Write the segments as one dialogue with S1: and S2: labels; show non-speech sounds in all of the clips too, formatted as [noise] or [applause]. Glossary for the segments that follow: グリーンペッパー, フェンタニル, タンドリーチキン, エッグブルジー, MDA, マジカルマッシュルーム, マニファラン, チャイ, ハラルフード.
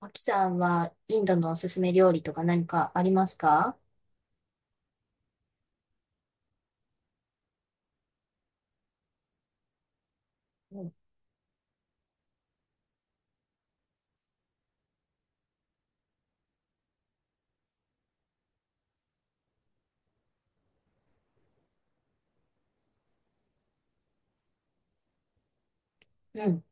S1: マキさんはインドのおすすめ料理とか何かありますか？うん。うん。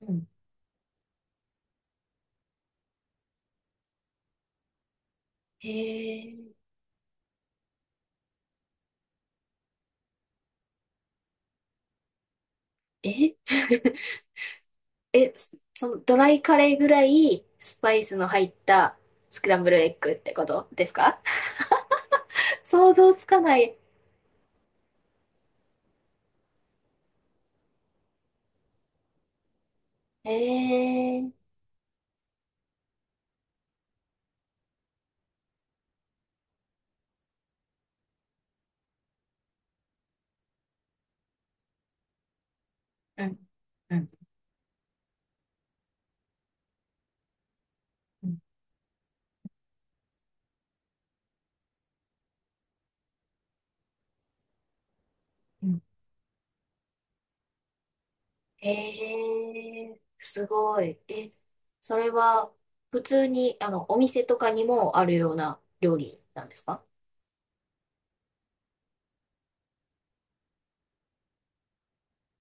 S1: うん。へえ。え、 [laughs] え、そのドライカレーぐらいスパイスの入ったスクランブルエッグってことですか？ [laughs] 想像つかない。へえ。うん。うん。うん。うん。へえ。すごい。え、それは普通にあのお店とかにもあるような料理なんですか？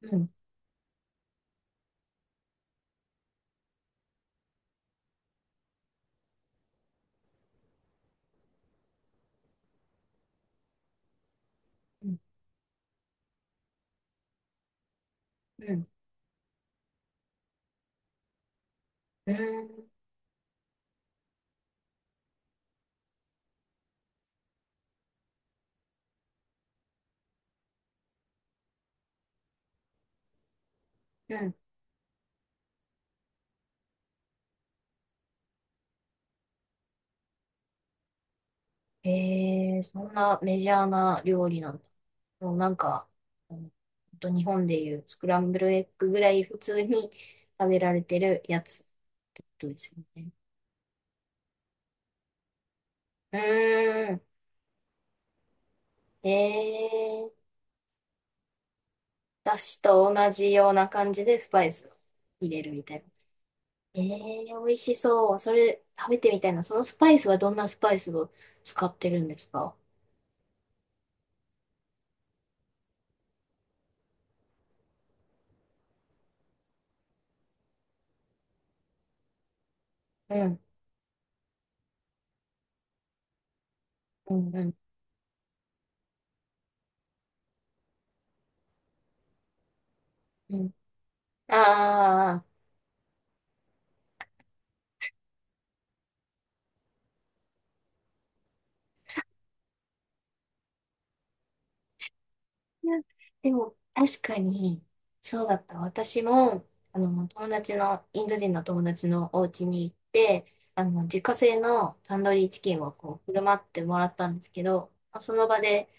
S1: うん。うん。うん。うん。うん。えー、そんなメジャーな料理なんだ。もうなんか、うん、ほんと日本でいうスクランブルエッグぐらい普通に食べられてるやつってことですよね。うーん。えー、だしと同じような感じでスパイスを入れるみたいな。えー、美味しそう。それ食べてみたいな。そのスパイスはどんなスパイスを使ってるんですか？うん。うんうん。うん。ああ。いや、でも、確かに、そうだった。私も、友達の、インド人の友達のお家に行って、自家製のタンドリーチキンをこう、振る舞ってもらったんですけど、まあその場で、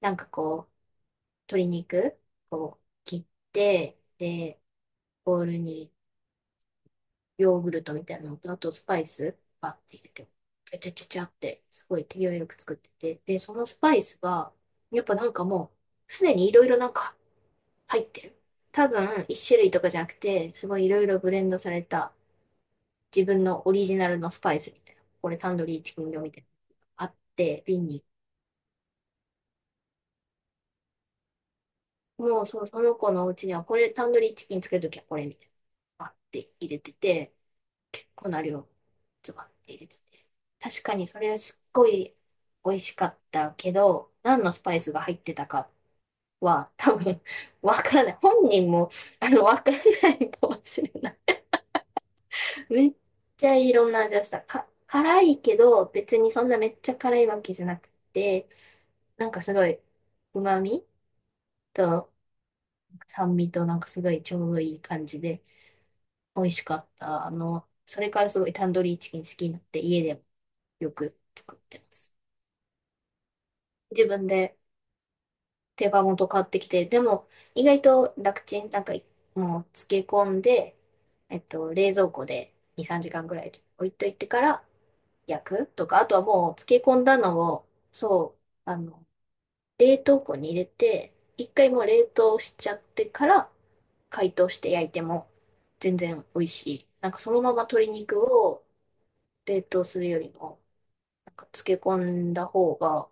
S1: なんかこう、鶏肉を切って、で、ボウルにヨーグルトみたいなのと、あとスパイス、バッて入れて、ちゃちゃちゃちゃって、すごい手際よく作ってて、で、そのスパイスが、やっぱなんかもう、すでにいろいろなんか入ってる。多分、一種類とかじゃなくて、すごいいろいろブレンドされた自分のオリジナルのスパイスみたいな。これタンドリーチキン用みたいなのがあって、瓶に。もうその子のうちには、これタンドリーチキン作るときはこれみたいな、あって入れてて、結構な量、ズバって入れてて。確かにそれはすっごい美味しかったけど、何のスパイスが入ってたかは、多分、わからない。本人も、わからないかもしれない。めっちゃいろんな味をした。辛いけど、別にそんなめっちゃ辛いわけじゃなくて、なんかすごい、旨味と酸味となんかすごいちょうどいい感じで、美味しかった。それからすごいタンドリーチキン好きになって、家でもよく作ってます。自分で手羽元買ってきて、でも意外と楽ちん、なんかもう漬け込んで、冷蔵庫で2、3時間ぐらい置いといてから、薬とか、あとはもう漬け込んだのを、そう、冷凍庫に入れて、一回もう冷凍しちゃってから解凍して焼いても全然美味しい。なんかそのまま鶏肉を冷凍するよりも、なんか漬け込んだ方が、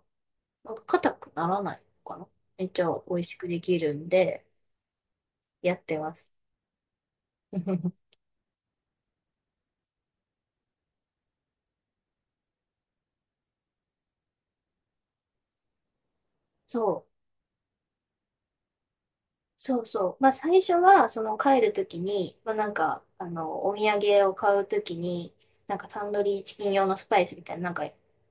S1: なんか硬くならないのかな。めっちゃ美味しくできるんで、やってます。[laughs] そう。そうそう。まあ最初は、その帰るときに、まあなんか、お土産を買うときに、なんかタンドリーチキン用のスパイスみたいな、なんか、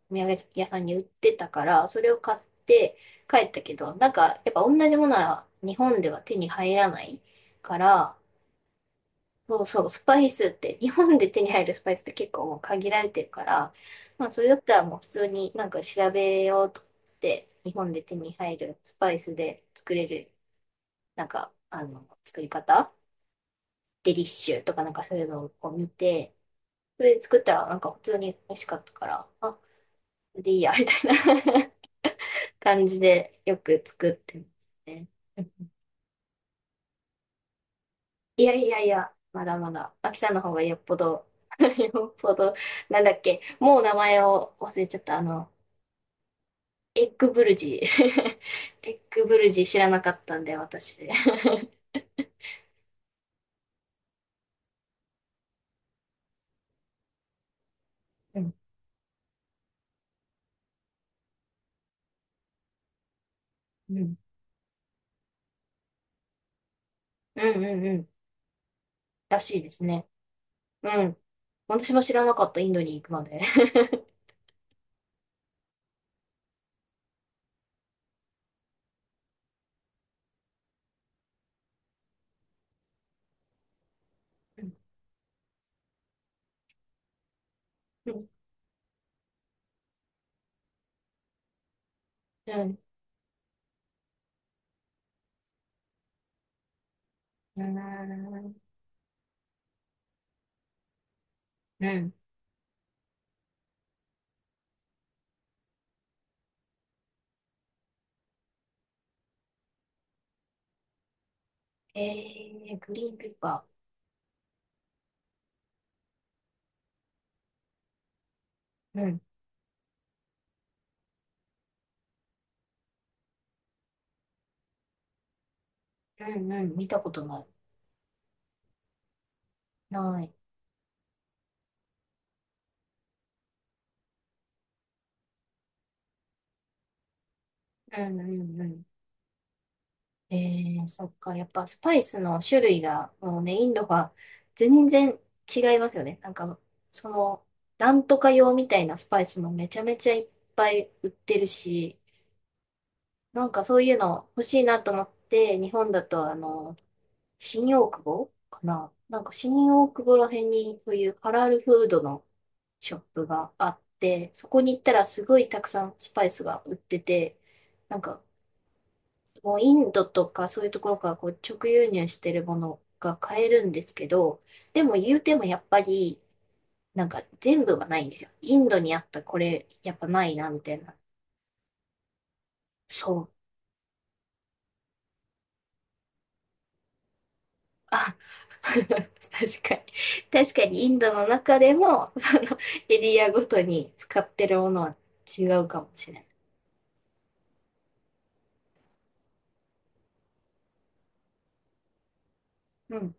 S1: お土産屋さんに売ってたから、それを買って帰ったけど、なんか、やっぱ同じものは日本では手に入らないから、そうそう、スパイスって、日本で手に入るスパイスって結構もう限られてるから、まあそれだったらもう普通になんか調べようと思って、日本で手に入るスパイスで作れるなんか、作り方デリッシュとかなんかそういうのをこう見て、それで作ったらなんか普通に美味しかったから、あ、でいいや、みたいな [laughs] 感じでよく作ってますね。いやいやいや、まだまだ、あきさんの方がよっぽど [laughs] よっぽど、なんだっけ、もう名前を忘れちゃった、エッグブルジー。[laughs] エッグブルジー知らなかったんで、私。[laughs] うん、うん、うん、うん、うん、らしいですね。うん。私も知らなかった、インドに行くまで。[laughs] うん。うん。うん。うん。えー、グリーンペッパー。うん。うんうん。見たことない。ない。うんうんうん。えー、そっか。やっぱスパイスの種類が、もうね、インドは全然違いますよね。なんか、その、なんとか用みたいなスパイスもめちゃめちゃいっぱい売ってるし、なんかそういうの欲しいなと思って、日本だと新大久保かな、なんか新大久保ら辺にそういうハラルフードのショップがあって、そこに行ったらすごいたくさんスパイスが売ってて、なんかもうインドとかそういうところからこう直輸入してるものが買えるんですけど、でも言うてもやっぱりなんか全部はないんですよ。インドにあったこれやっぱないなみたいな。そう。あ、[laughs] 確かに。確かにインドの中でも、そのエリアごとに使ってるものは違うかもしれない。うん、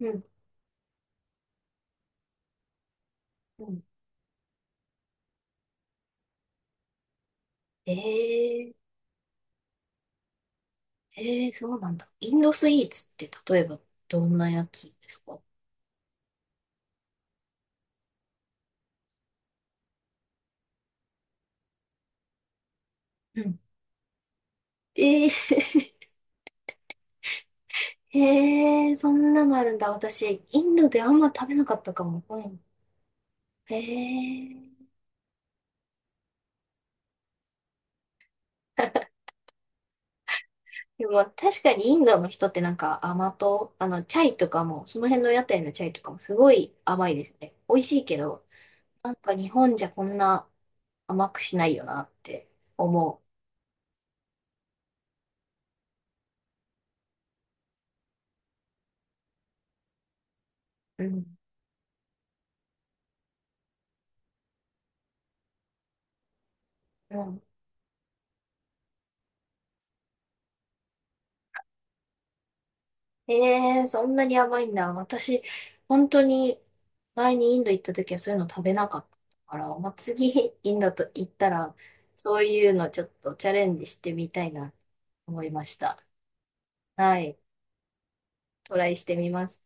S1: うん、うん。えー、えー、そうなんだ。インドスイーツって例えばどんなやつですか？うん。えー、[laughs] えー、そんなのあるんだ。私、インドであんま食べなかったかも。うん。えーでも確かにインドの人ってなんか甘党、チャイとかも、その辺の屋台のチャイとかもすごい甘いですね。美味しいけど、なんか日本じゃこんな甘くしないよなって思う。うん。うん。えー、そんなに甘いんだ。私、本当に前にインド行った時はそういうの食べなかったから、まあ、次インドと行ったら、そういうのちょっとチャレンジしてみたいなと思いました。はい。トライしてみます。